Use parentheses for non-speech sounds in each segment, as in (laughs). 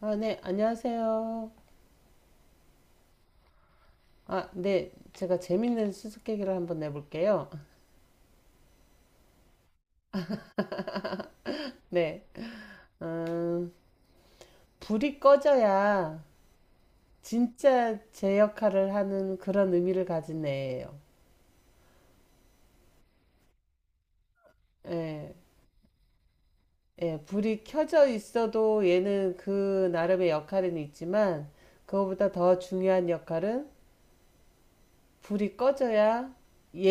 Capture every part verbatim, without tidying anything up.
아, 네, 안녕하세요. 아, 네, 제가 재밌는 수수께끼를 한번 내볼게요. 네, 음, 불이 꺼져야 진짜 제 역할을 하는 그런 의미를 가진 애예요. 예, 예, 불이 켜져 있어도 얘는 그 나름의 역할은 있지만, 그거보다 더 중요한 역할은 불이 꺼져야 얘,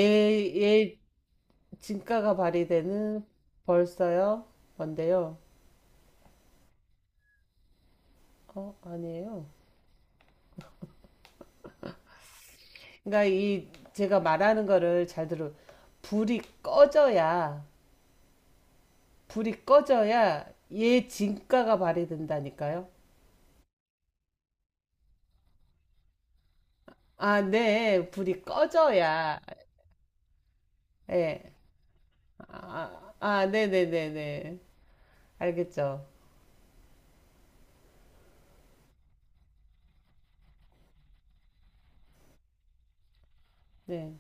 얘 진가가 발휘되는. 벌써요? 뭔데요? 어, 아니에요. 그러니까 이 제가 말하는 거를 잘 들어. 불이 꺼져야 불이 꺼져야 얘 진가가 발휘된다니까요. 아, 네. 불이 꺼져야. 예. 아, 아, 네네네네. 알겠죠. 네.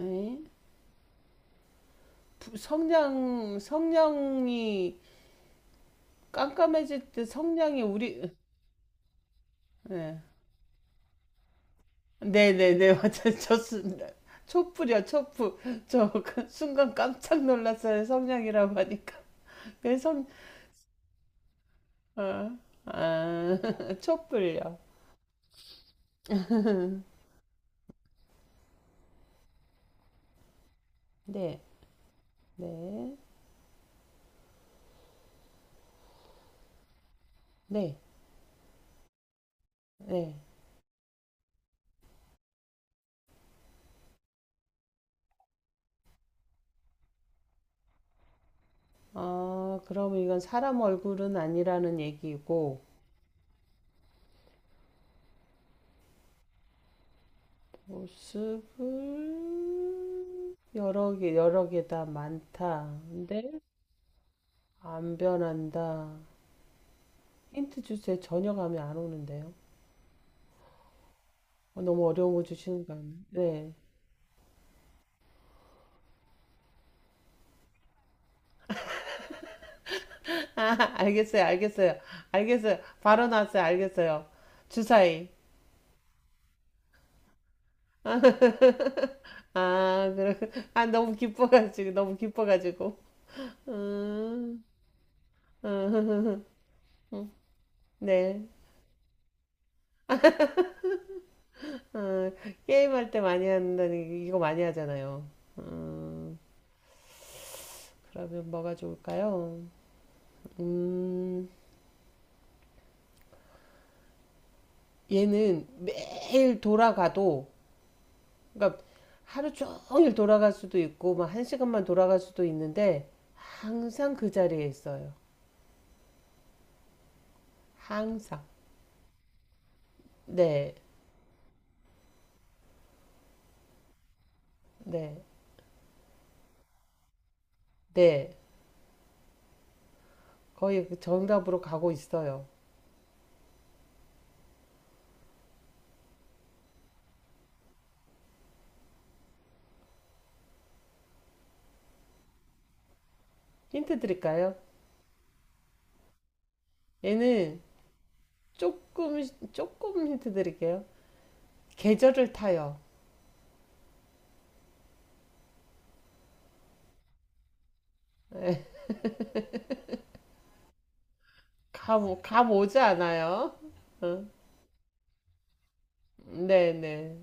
에이? 부- 성냥 성냥이 깜깜해질 때 성냥이 우리. 네. 네네네 (laughs) 맞아, 좋습니다. 촛불이야, 촛불. 저 그 순간 깜짝 놀랐어요, 성냥이라고 하니까. 왼손. 어. 아, (laughs) 촛불요. (laughs) 네, 네, 네, 네. 아, 그럼 이건 사람 얼굴은 아니라는 얘기고. 모습을 여러 개 여러 개 다 많다. 근데 안 변한다. 힌트 주세요. 전혀 감이 안 오는데요. 어, 너무 어려운 거 주시는 거 아니에요? 네. (laughs) 아, 알겠어요. 알겠어요. 알겠어요. 바로 나왔어요. 알겠어요. 주사위. 아, 그러, 아, 너무 기뻐가지고, 너무 기뻐가지고. 음, 음, (laughs) 네. 음, 게임할 때 많이 한다니, 이거 많이 하잖아요. 음, 그러면 뭐가 좋을까요? 음, 얘는 매일 돌아가도, 그러니까 하루 종일 돌아갈 수도 있고, 막 한 시간만 돌아갈 수도 있는데, 항상 그 자리에 있어요. 항상. 네, 네, 네. 거의 그 정답으로 가고 있어요. 힌트 드릴까요? 얘는 조금, 조금 힌트 드릴게요. 계절을 타요. 네, 감, 감 오지 않아요. 어, 네네.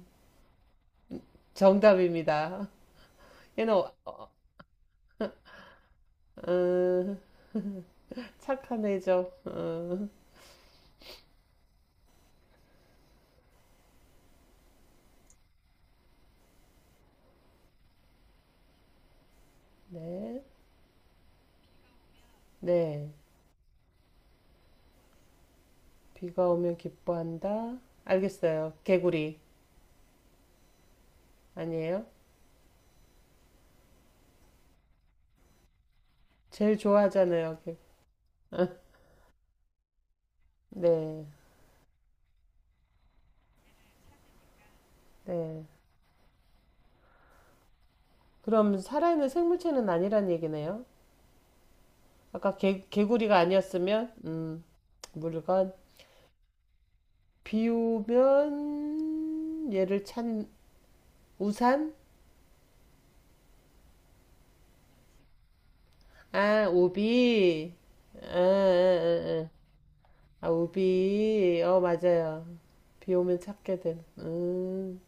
정답입니다. 얘는, 어, 어, 착한 애죠. 어, 네. 네. 비가 오면 기뻐한다. 알겠어요. 개구리. 아니에요? 제일 좋아하잖아요. 개- 어. 네. 네. 그럼 살아있는 생물체는 아니란 얘기네요. 아까 개, 개구리가 아니었으면 음, 물건. 비오면 얘를 찬 우산? 아, 우비. 아, 아, 아, 아. 아, 우비. 어, 맞아요. 비 오면 찾게 된 음,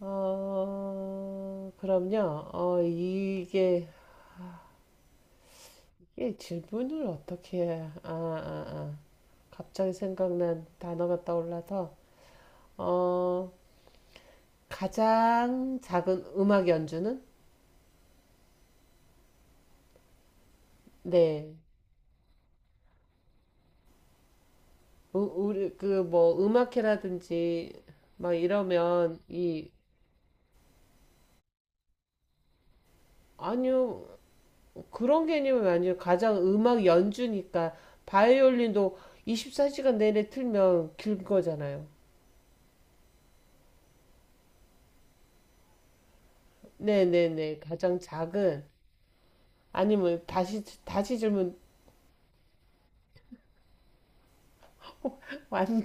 어, 그럼요. 어, 이게 이게 질문을 어떻게 해야. 아, 아, 아. 갑자기 생각난 단어가 떠올라서. 어, 가장 작은 음악 연주는. 네. 우- 우리 그 뭐 음악회라든지 막 이러면 이. 아니요, 그런 개념은 아니에요. 가장 음악 연주니까 바이올린도 이십사 시간 내내 틀면 길 거잖아요. 네네네, 가장 작은. 아니면 다시 다시 질문. (laughs) 완전.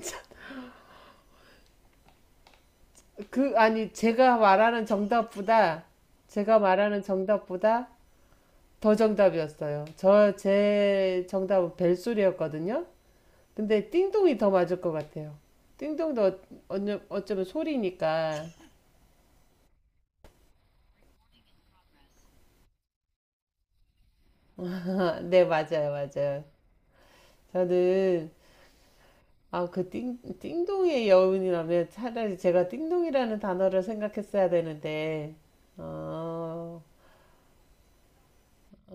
그 아니, 제가 말하는 정답보다 제가 말하는 정답보다 더 정답이었어요. 저 제 정답은 벨소리였거든요. 근데 띵동이 더 맞을 것 같아요. 띵동도 어- 어쩌- 어쩌면 소리니까. 아, 네, 맞아요, 맞아요. 저는 아, 그 띵, 띵동의 여운이라면 차라리 제가 띵동이라는 단어를 생각했어야 되는데, 어,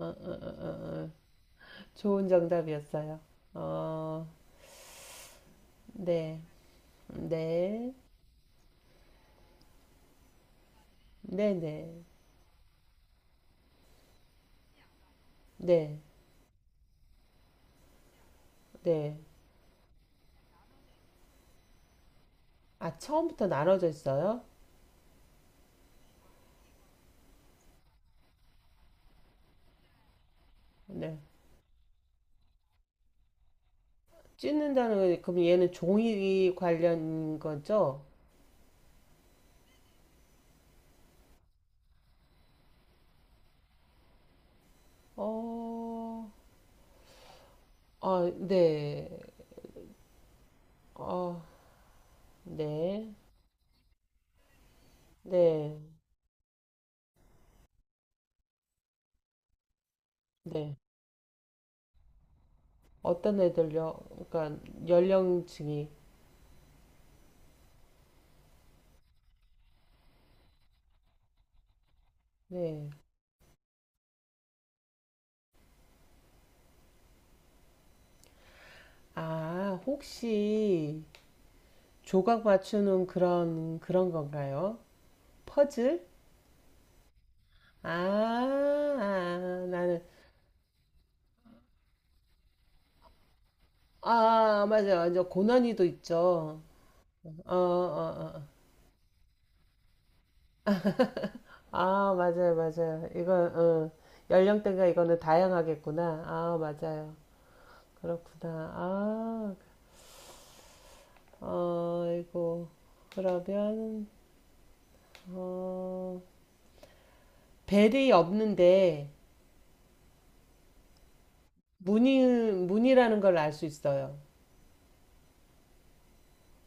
어, 어, 어, 어. 좋은 정답이었어요. 어, 네, 네, 네, 네, 네, 네. 아, 처음부터 나눠져 있어요? 네. 찢는다는 건, 그럼 얘는 종이 관련 거죠? 어, 아, 네. 어, 네. 네. 네. 어떤 애들요? 그러니까 연령층이. 네. 아, 혹시 조각 맞추는 그런 그런 건가요? 퍼즐? 아, 아, 나는. 아, 맞아요. 저 고난이도 있죠. 어, 어, 어. 아, 맞아요. 맞아요. 이거 어, 연령대가 이거는 다양하겠구나. 아, 맞아요. 그렇구나. 아, 아이고, 그러면, 어, 벨이 없는데, 문이, 문이라는 걸 알 수 있어요.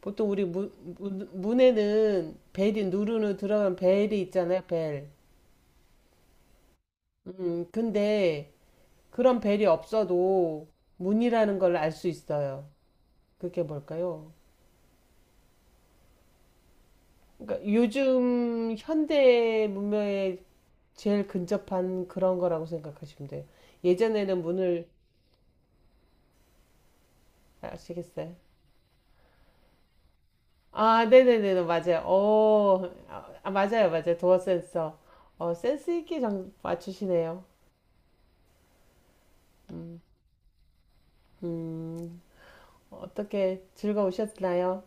보통 우리 문, 문, 문에는 벨이 누르는 들어간 벨이 있잖아요, 벨. 음, 근데 그런 벨이 없어도 문이라는 걸 알 수 있어요. 그게 뭘까요? 그러니까 요즘 현대 문명에 제일 근접한 그런 거라고 생각하시면 돼요. 예전에는 문을. 아시겠어요? 아, 네네네, 네, 맞아요. 어, 아, 맞아요, 맞아요. 도어 센서. 어, 센스 있게 정, 맞추시네요. 음, 음, 어떻게 즐거우셨나요?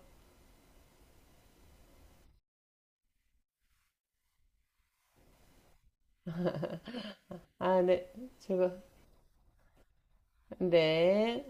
아, 네, 즐거, 네.